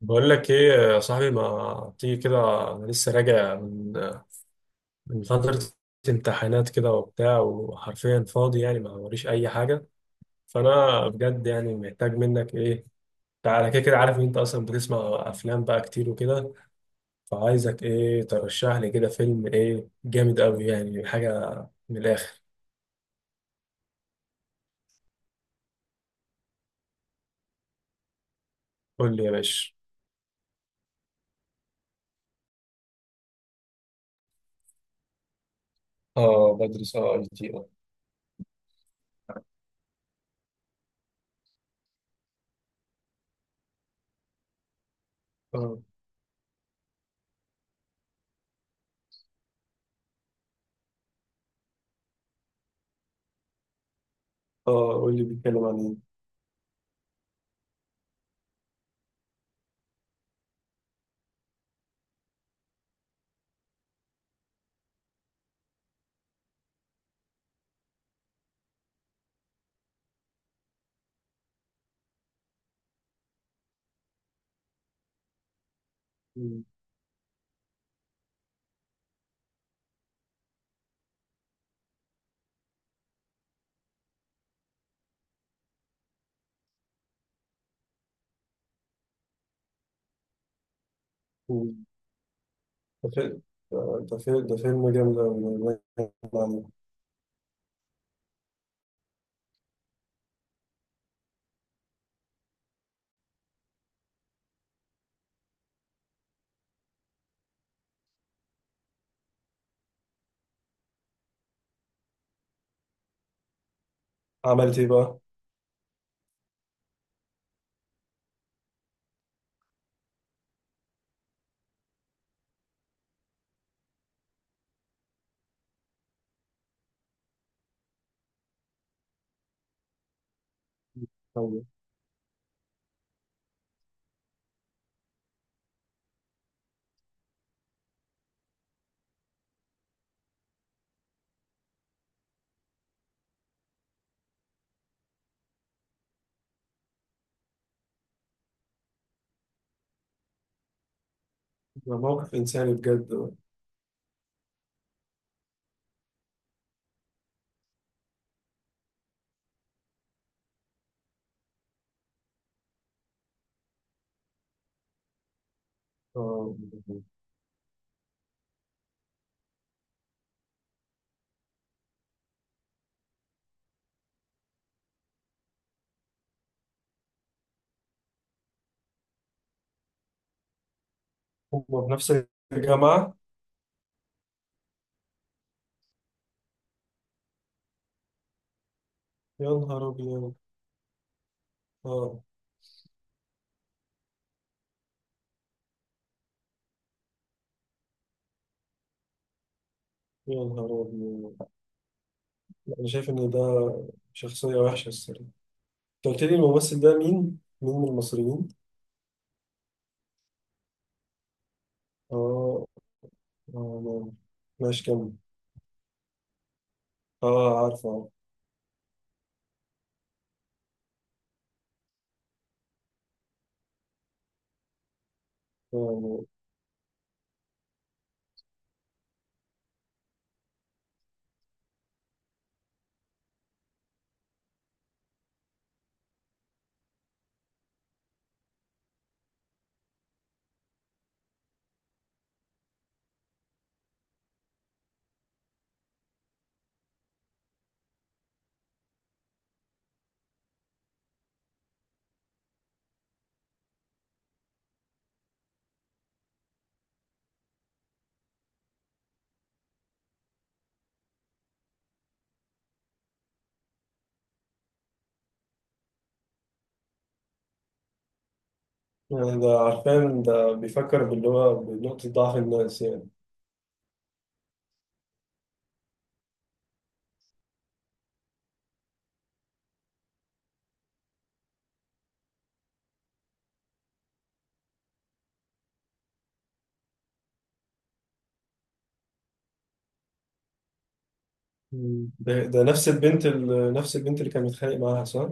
بقول لك ايه يا صاحبي، ما تيجي كده؟ انا لسه راجع من فترة امتحانات كده وبتاع، وحرفيا فاضي يعني، ما وريش اي حاجة. فانا بجد يعني محتاج منك ايه؟ تعالى كده. كده عارف ان انت اصلا بتسمع افلام بقى كتير وكده، فعايزك ايه ترشح لي كده فيلم ايه جامد قوي، يعني حاجة من الاخر. قول لي يا باشا. اه بدرس، اي تي اه اه قول لي بيتكلم عن ايه. مم. ده فيلم ده فيلم جامد أوي. عملت إيه بقى؟ أو- ده موقف إنساني بجد بقى. آه، هما في نفس الجامعة. يا نهار أبيض. آه يا نهار أبيض. أنا شايف إن ده شخصية وحشة الصراحة. أنت قلت لي الممثل ده مين؟ مين من المصريين؟ آه. آه. ماشي كمل. آه عارفه. آه، يعني ده عارفان ده بيفكر باللي هو بنقطة ضعف الناس يعني. مم. ده نفس البنت نفس البنت اللي كان متخانق معاها، صح؟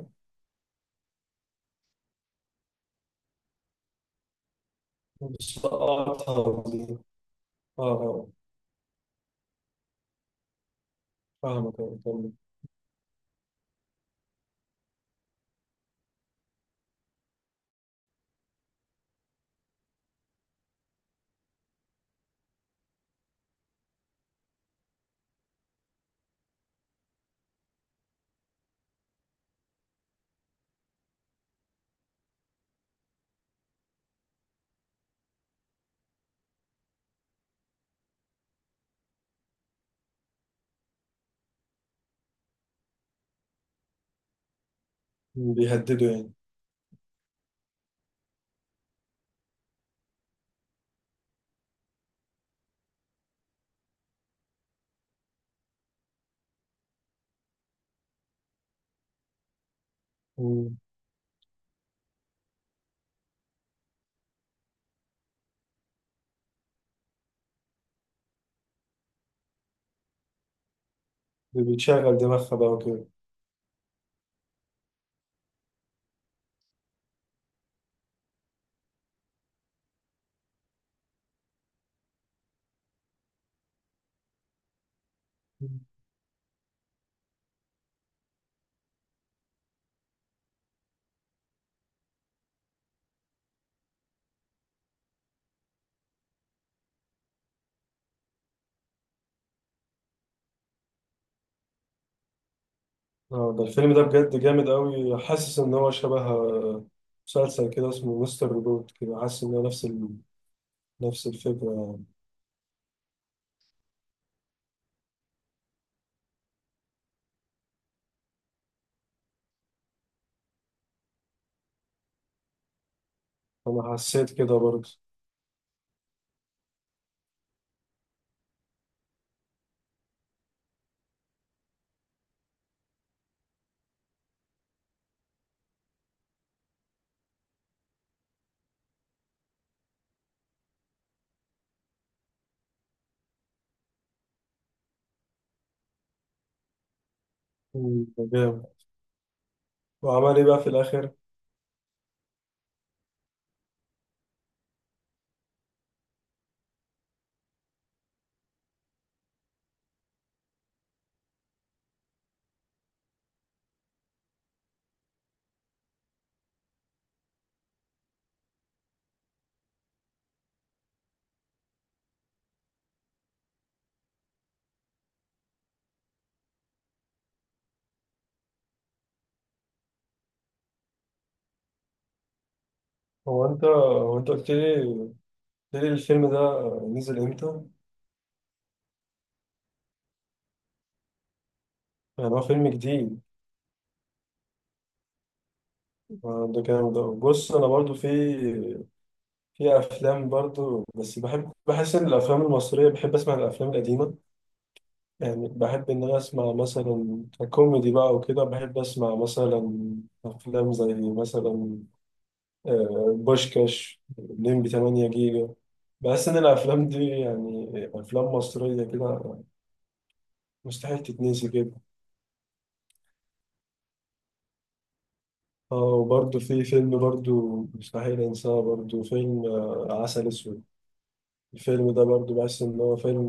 بس قطعتها دي. اه، اه فاهمك، اه كمل. بيهددوا يعني. مم. ده بيتشغل دماغها بقى وكده. مم. اه، ده الفيلم ده بجد جامد قوي، حاسس ان هو شبه مسلسل كده اسمه مستر روبوت كده، حاسس ان هو نفس نفس الفكرة يعني. انا حسيت كده برضه. مم، ده جامد. وعمل ايه بقى في الاخر؟ هو انت قلت لي الفيلم ده نزل امتى؟ يعني هو فيلم جديد. ده جامد أوي. بص، انا برضو في افلام برضو، بس بحب، بحس ان الافلام المصريه، بحب اسمع الافلام القديمه يعني. بحب ان انا اسمع مثلا كوميدي بقى وكده، بحب اسمع مثلا افلام زي مثلا بوشكاش، لمبي 8 جيجا. بحس ان الافلام دي يعني افلام مصريه كده مستحيل تتنسي كده. اه، وبرضه في فيلم برضه مستحيل انساه، برضه فيلم عسل اسود. الفيلم ده برضو بحس إن هو فيلم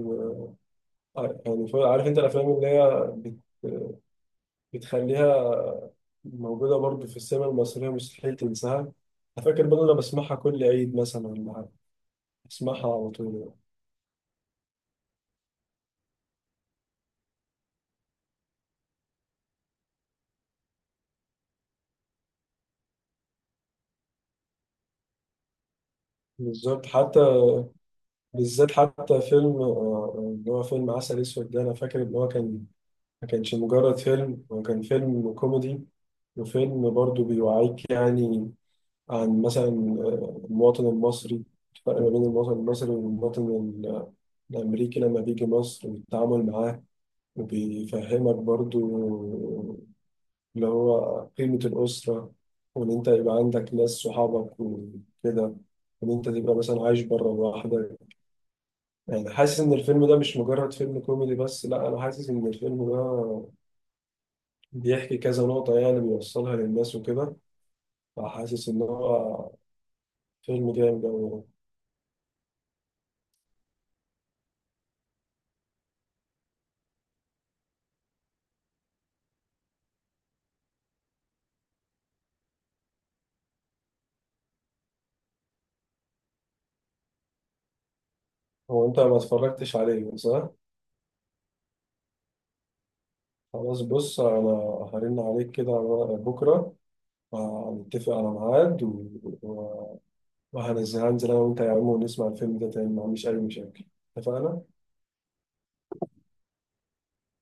يعني عارف انت الافلام اللي هي بتخليها موجوده برضو في السينما المصريه مستحيل تنساها. أنا فاكر برضو انا بسمعها كل عيد مثلا ولا حاجة. بسمعها على طول. بالظبط، حتى بالذات حتى فيلم اللي هو فيلم عسل اسود ده، انا فاكر ان هو كان، ما كانش مجرد فيلم، هو كان فيلم كوميدي وفيلم برضو بيوعيك يعني عن مثلا المواطن المصري، الفرق ما بين المواطن المصري والمواطن الامريكي لما بيجي مصر والتعامل معاه، وبيفهمك برضو اللي هو قيمة الأسرة، وإن أنت يبقى عندك ناس صحابك وكده، وإن أنت تبقى مثلا عايش بره لوحدك. يعني حاسس إن الفيلم ده مش مجرد فيلم كوميدي بس، لا أنا حاسس إن الفيلم ده بيحكي كذا نقطة يعني بيوصلها للناس وكده. فحاسس إن هو فيلم جامد أوي. هو أنت ما اتفرجتش عليه، صح؟ خلاص بص، أنا هرن عليك كده على ورقة بكرة، هنتفق على ميعاد و... وهنزل انا وانت يا عم ونسمع الفيلم ده تاني. ما عنديش اي مشاكل. اتفقنا؟